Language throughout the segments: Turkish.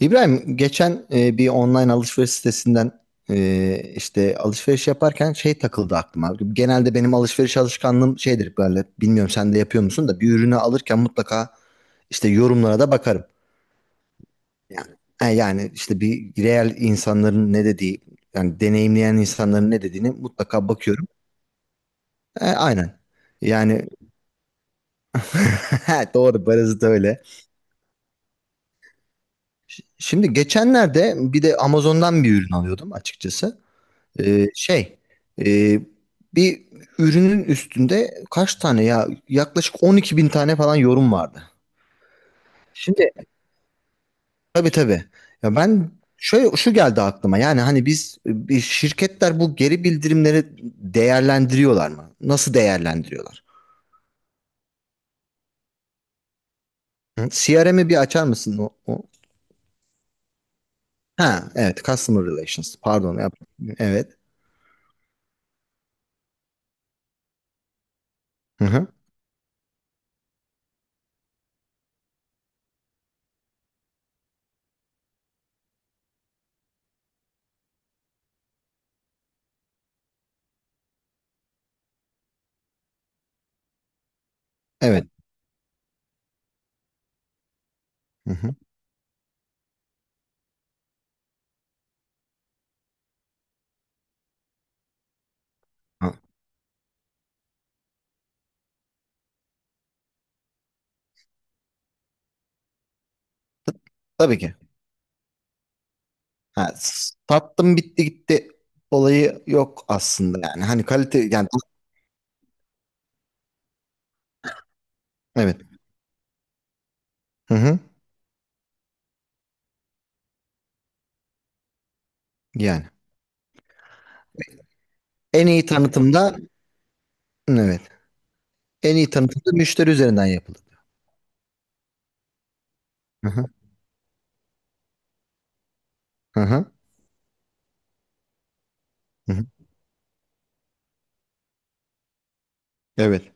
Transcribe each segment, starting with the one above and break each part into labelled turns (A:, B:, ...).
A: İbrahim geçen bir online alışveriş sitesinden işte alışveriş yaparken şey takıldı aklıma. Genelde benim alışveriş alışkanlığım şeydir, böyle bilmiyorum, sen de yapıyor musun, da bir ürünü alırken mutlaka işte yorumlara da bakarım. Yani, yani işte bir real insanların ne dediği, yani deneyimleyen insanların ne dediğini mutlaka bakıyorum. Aynen. Yani doğru barızı da öyle. Şimdi geçenlerde bir de Amazon'dan bir ürün alıyordum, açıkçası. Şey, e, bir ürünün üstünde kaç tane, ya yaklaşık 12 bin tane falan yorum vardı. Şimdi, tabii, tabii. Ya ben şöyle, şu geldi aklıma. Yani hani biz, bir şirketler bu geri bildirimleri değerlendiriyorlar mı? Nasıl değerlendiriyorlar? Hı? CRM'i bir açar mısın? Ha, evet, Customer Relations. Pardon. Evet. Hı hı. Evet. Hı hı. Ha, tabii ki. Ha, sattım bitti gitti olayı yok aslında yani. Hani kalite yani, evet. Hı hı. Yani en iyi tanıtımda, evet. En iyi tanıtımda müşteri üzerinden yapılır. Hı hı. Hı hı. Hı hı. Evet.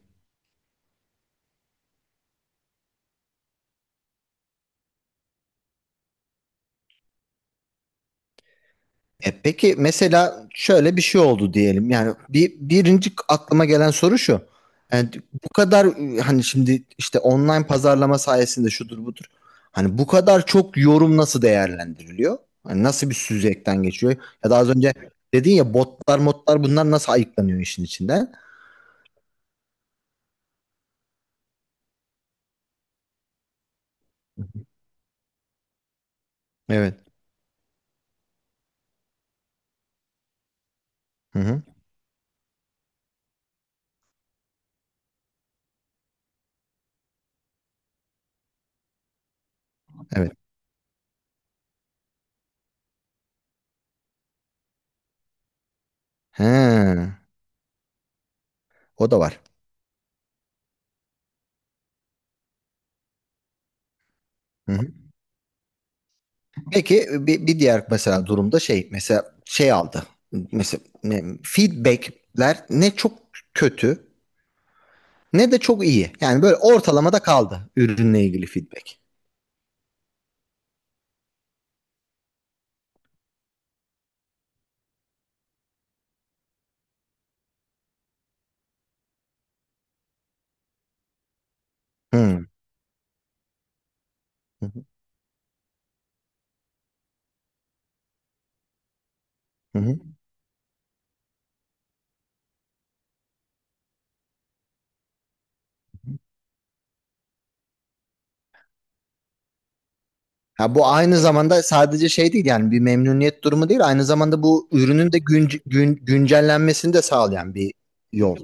A: Peki mesela şöyle bir şey oldu diyelim. Yani birinci aklıma gelen soru şu. Yani bu kadar hani şimdi işte online pazarlama sayesinde şudur budur. Hani bu kadar çok yorum nasıl değerlendiriliyor? Hani nasıl bir süzgeçten geçiyor? Ya da az önce dedin ya, botlar modlar bunlar nasıl ayıklanıyor işin içinden? Evet. Hı hı. Evet. He. O da var. Hı hı. Peki, bir diğer mesela durumda şey, mesela şey aldı. Mesela feedbackler ne çok kötü ne de çok iyi. Yani böyle ortalamada kaldı ürünle ilgili feedback. Hmm. Hı hı. Hı hı. Ha, bu aynı zamanda sadece şey değil, yani bir memnuniyet durumu değil, aynı zamanda bu ürünün de güncellenmesini de sağlayan bir yol.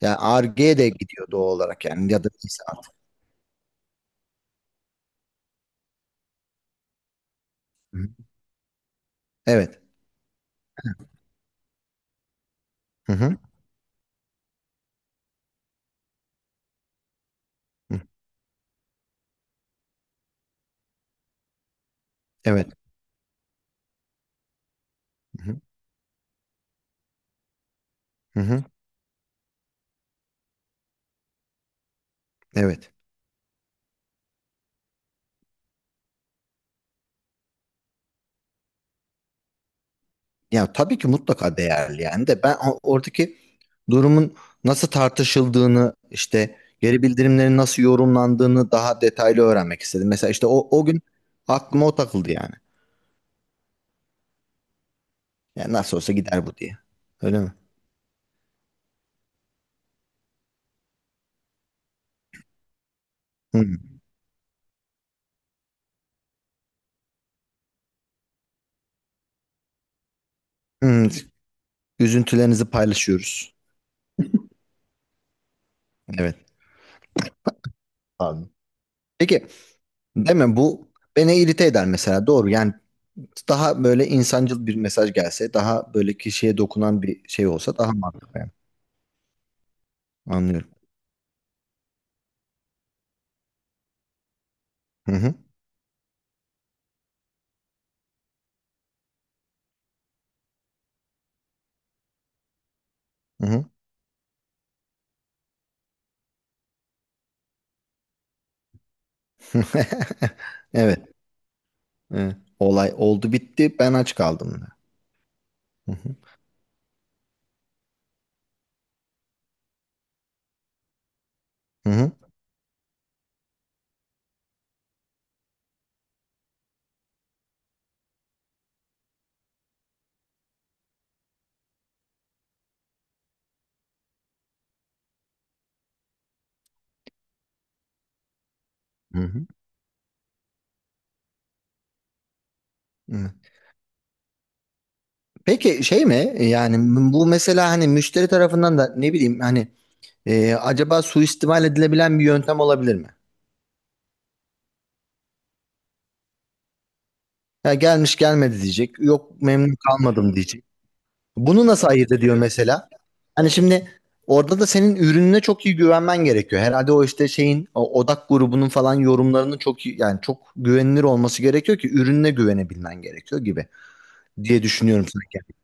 A: Yani Ar-Ge'ye de gidiyor doğal olarak, yani ya da neyse artık. Hı hı. Evet. Hı hı. Hı. Evet. Hı hı. Hı hı. Evet. Ya tabii ki mutlaka değerli yani, de ben oradaki durumun nasıl tartışıldığını, işte geri bildirimlerin nasıl yorumlandığını daha detaylı öğrenmek istedim. Mesela işte o, o gün aklıma o takıldı yani. Yani nasıl olsa gider bu diye. Öyle mi? Hı. Hı. Üzüntülerinizi paylaşıyoruz. Evet. Abi. Peki, değil mi, bu beni irite eder mesela, doğru yani, daha böyle insancıl bir mesaj gelse, daha böyle kişiye dokunan bir şey olsa daha mantıklı yani. Anlıyorum. Hı hı. Hı hı. Evet. Evet. Olay oldu bitti. Ben aç kaldım da. Hı hı. Hı hı. Hı hı. Hı. Peki şey mi? Yani bu mesela hani müşteri tarafından da, ne bileyim hani, acaba suistimal edilebilen bir yöntem olabilir mi? Ya gelmiş gelmedi diyecek. Yok memnun kalmadım diyecek. Bunu nasıl ayırt ediyor mesela? Hani şimdi orada da senin ürününe çok iyi güvenmen gerekiyor. Herhalde o işte şeyin, o odak grubunun falan yorumlarının çok iyi, yani çok güvenilir olması gerekiyor ki ürününe güvenebilmen gerekiyor gibi diye düşünüyorum sanki.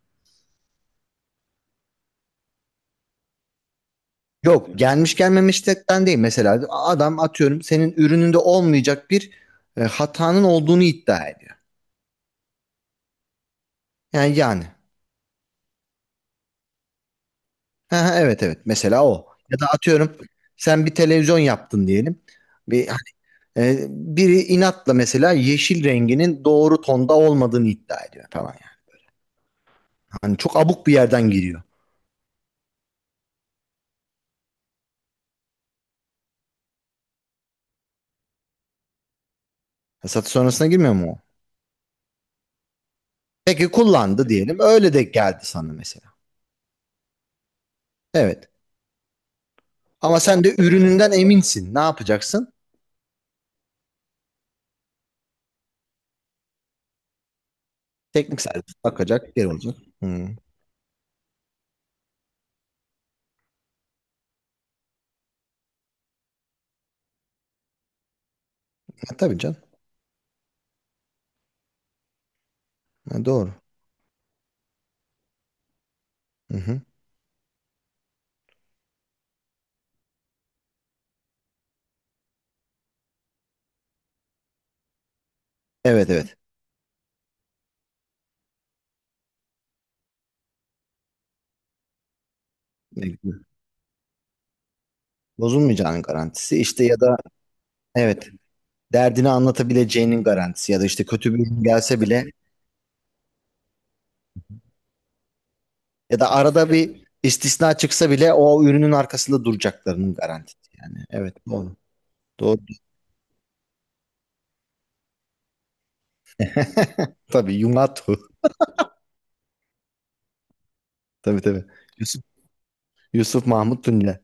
A: Yok, gelmiş gelmemişlikten değil, mesela adam atıyorum senin ürününde olmayacak bir hatanın olduğunu iddia ediyor. Yani. Ha, ha, evet, evet, mesela o, ya da atıyorum sen bir televizyon yaptın diyelim. Bir Biri inatla mesela yeşil renginin doğru tonda olmadığını iddia ediyor falan yani. Hani çok abuk bir yerden giriyor. Satış sonrasına girmiyor mu o? Peki kullandı diyelim. Öyle de geldi sana mesela. Evet. Ama sen de ürününden eminsin. Ne yapacaksın? Teknik servis bakacak, geri olacak. Hı. Ha, tabii canım. Ha, doğru. Hı hı. Evet, evet. Bozulmayacağının garantisi işte, ya da, evet, derdini anlatabileceğinin garantisi, ya da işte kötü bir ürün gelse bile, ya da arada bir istisna çıksa bile o ürünün arkasında duracaklarının garantisi yani. Evet, doğru. Doğru. Tabii, Yunatu. Tabii, tabii. Yusuf, Yusuf Mahmut Tunca.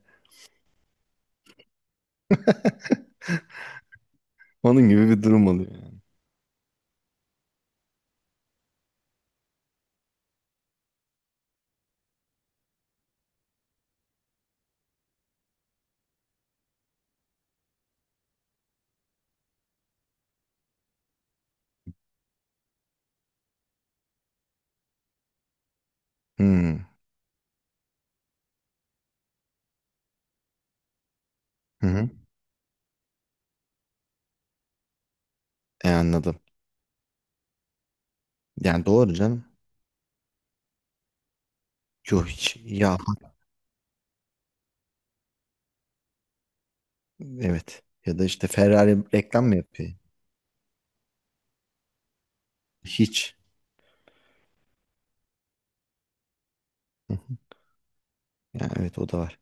A: Onun gibi bir durum oluyor yani. Hmm. Hı hı. Anladım. Yani doğru canım. Yok, hiç. Ya, evet. Ya da işte Ferrari reklam mı yapıyor? Hiç. Hı hı. Yani evet, o da var.